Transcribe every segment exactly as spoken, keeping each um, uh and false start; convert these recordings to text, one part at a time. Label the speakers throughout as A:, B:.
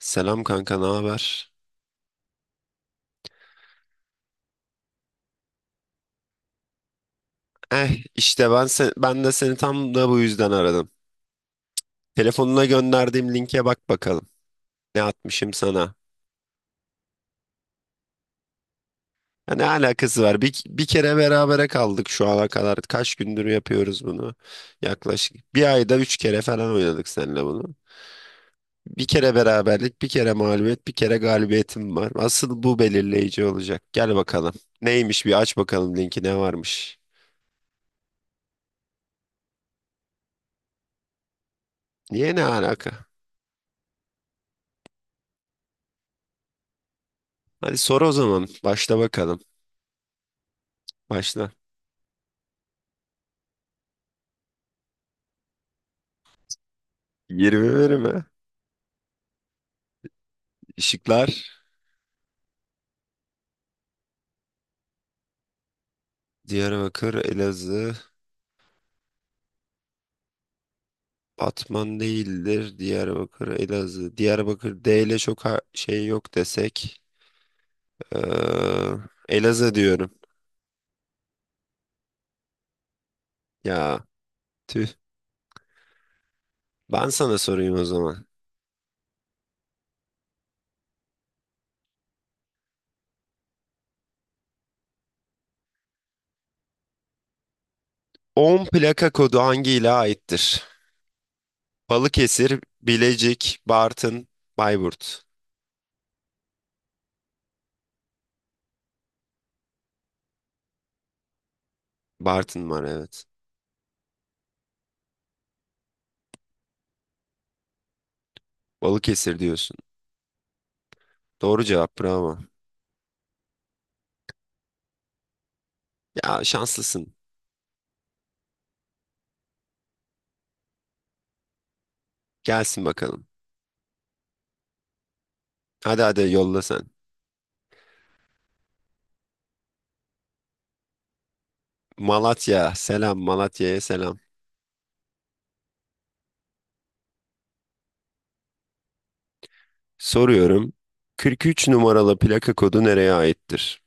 A: Selam kanka, ne haber? Eh, işte ben se- ben de seni tam da bu yüzden aradım. Telefonuna gönderdiğim linke bak bakalım. Ne atmışım sana? Ya ne alakası var? Bir, bir kere berabere kaldık şu ana kadar. Kaç gündür yapıyoruz bunu? Yaklaşık bir ayda üç kere falan oynadık seninle bunu. Bir kere beraberlik, bir kere mağlubiyet, bir kere galibiyetim var. Asıl bu belirleyici olacak. Gel bakalım. Neymiş bir aç bakalım linki ne varmış. Niye ne alaka? Hadi sor o zaman. Başla bakalım. Başla. yirmi verimi. Işıklar. Diyarbakır, Elazığ. Batman değildir. Diyarbakır, Elazığ. Diyarbakır D ile çok ha- şey yok desek. Ee, Elazığ diyorum. Ya tüh. Ben sana sorayım o zaman. On plaka kodu hangi ile aittir? Balıkesir, Bilecik, Bartın, Bayburt. Bartın var evet. Balıkesir diyorsun. Doğru cevap bravo. Ya şanslısın. Gelsin bakalım. Hadi hadi yolla sen. Malatya. Selam Malatya'ya selam. Soruyorum. kırk üç numaralı plaka kodu nereye aittir?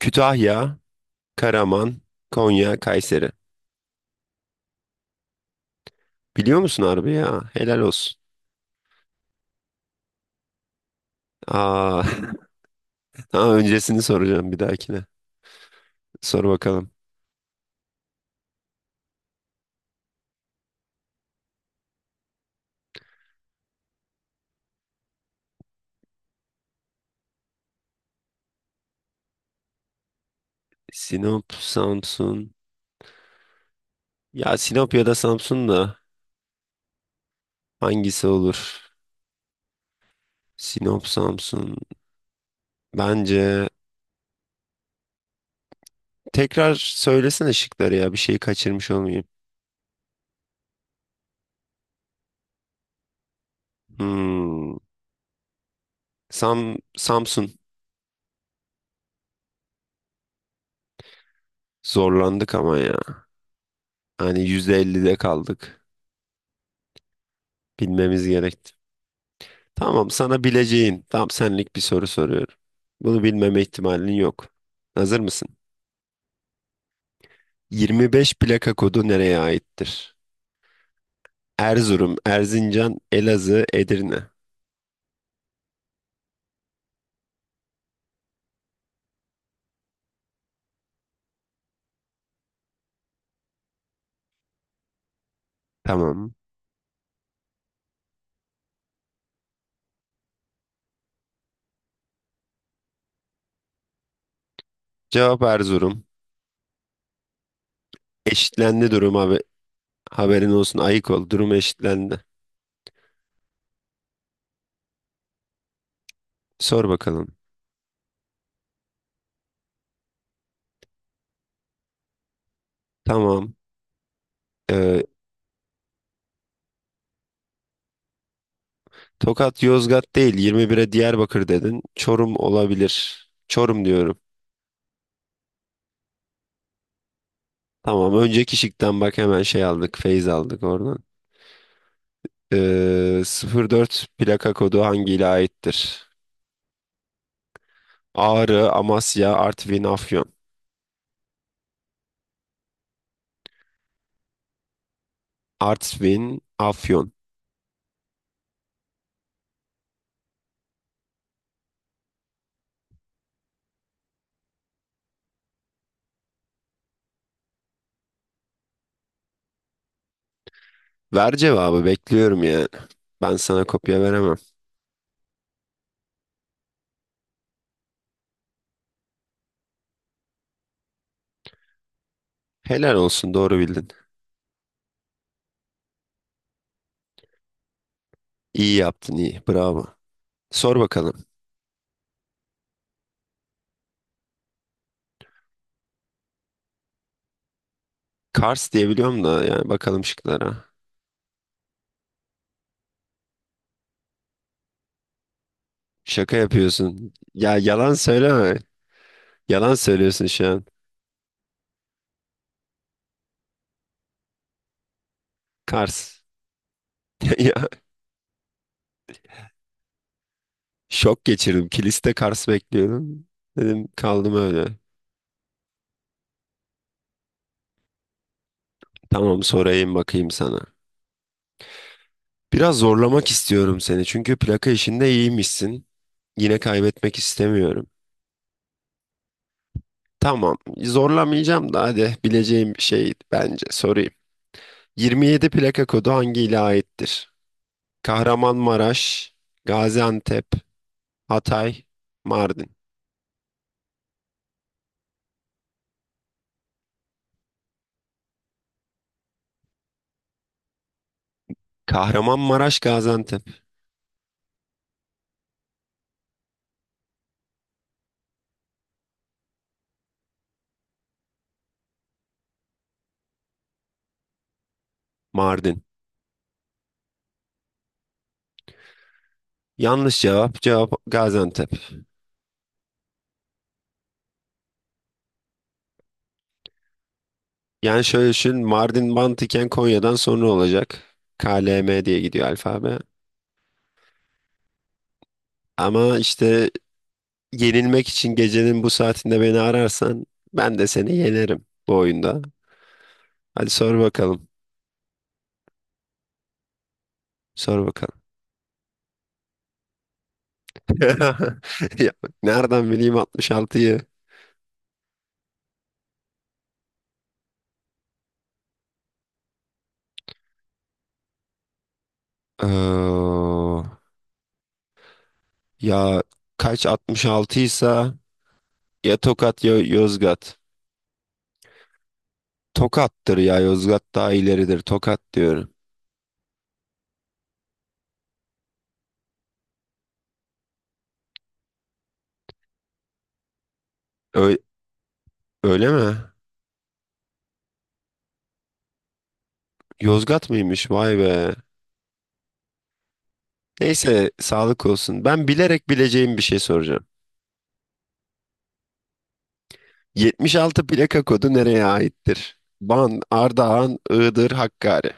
A: Kütahya, Karaman, Konya, Kayseri. Biliyor musun harbi ya? Helal olsun. Aa, daha öncesini soracağım bir dahakine. Sor bakalım. Sinop, Samsun. Ya Sinop ya da Samsun da hangisi olur? Sinop, Samsun. Bence tekrar söylesene şıkları ya bir şeyi kaçırmış olmayayım. Hmm. Sam, Samsun. Zorlandık ama ya. Hani yüzde ellide kaldık. Bilmemiz gerekti. Tamam sana bileceğin tam senlik bir soru soruyorum. Bunu bilmeme ihtimalin yok. Hazır mısın? Yirmi beş plaka kodu nereye aittir? Erzurum, Erzincan, Elazığ, Edirne. Tamam. Cevap Erzurum. Eşitlendi durum abi. Haberin olsun ayık ol. Durum eşitlendi. Sor bakalım. Tamam. Ee, Tokat Yozgat değil yirmi bire Diyarbakır dedin. Çorum olabilir. Çorum diyorum. Tamam önceki şıktan bak hemen şey aldık feyz aldık oradan. Ee, sıfır dört plaka kodu hangi ile aittir? Ağrı, Amasya, Artvin, Afyon. Artvin, Afyon. Ver cevabı bekliyorum ya. Ben sana kopya veremem. Helal olsun doğru bildin. İyi yaptın iyi bravo. Sor bakalım. Kars diyebiliyorum da yani bakalım şıklara. Şaka yapıyorsun. Ya yalan söyleme. Yalan söylüyorsun şu an. Kars. Ya şok geçirdim. Kiliste Kars bekliyordum. Dedim kaldım öyle. Tamam sorayım bakayım sana. Biraz zorlamak istiyorum seni. Çünkü plaka işinde iyiymişsin. Yine kaybetmek istemiyorum. Tamam zorlamayacağım da hadi bileceğim bir şey bence sorayım. yirmi yedi plaka kodu hangi ile aittir? Kahramanmaraş, Gaziantep, Hatay, Mardin. Kahramanmaraş, Gaziantep, Mardin. Yanlış cevap. Cevap Gaziantep. Yani şöyle düşün. Mardin mantıken Konya'dan sonra olacak. K L M diye gidiyor alfabe. Ama işte yenilmek için gecenin bu saatinde beni ararsan ben de seni yenerim bu oyunda. Hadi sor bakalım. Sor bakalım. Ya, nereden bileyim altmış altıyı? Ee, ya kaç altmış altı ise ya Tokat ya Yozgat. Tokat'tır ya. Yozgat daha ileridir. Tokat diyorum. Öyle, öyle mi? Yozgat mıymış? Vay be. Neyse sağlık olsun. Ben bilerek bileceğim bir şey soracağım. yetmiş altı plaka kodu nereye aittir? Van, Ardahan, Iğdır, Hakkari.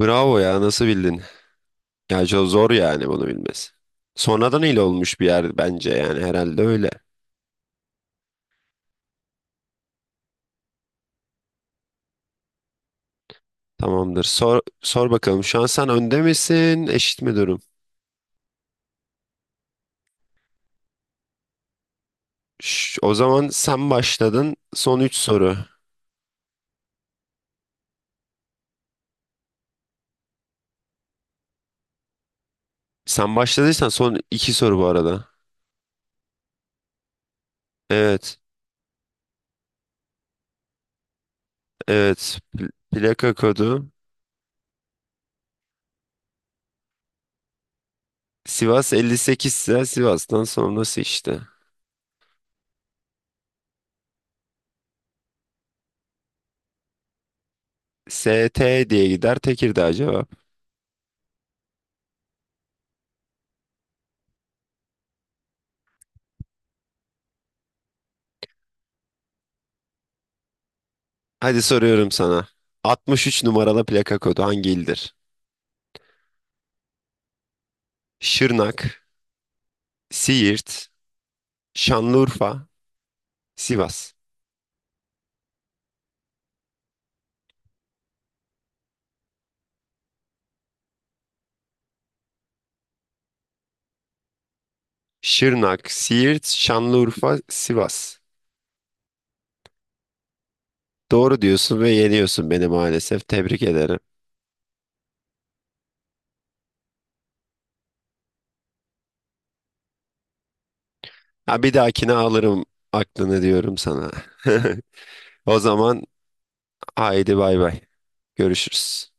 A: Bravo ya nasıl bildin? Ya çok zor yani bunu bilmesi. Sonradan il olmuş bir yer bence yani herhalde öyle. Tamamdır. Sor, sor bakalım. Şu an sen önde misin? Eşit mi durum? Ş- o zaman sen başladın. Son üç soru. Sen başladıysan son iki soru bu arada. Evet. Evet. Pl- Plaka kodu. Sivas elli sekiz ise Sivas'tan sonrası işte. S T diye gider. Tekirdağ cevap. Hadi soruyorum sana. Altmış üç numaralı plaka kodu hangi ildir? Şırnak, Siirt, Şanlıurfa, Sivas. Şırnak, Siirt, Şanlıurfa, Sivas. Doğru diyorsun ve yeniyorsun beni maalesef. Tebrik ederim. Ha, bir dahakine alırım aklını diyorum sana. O zaman haydi bay bay. Görüşürüz.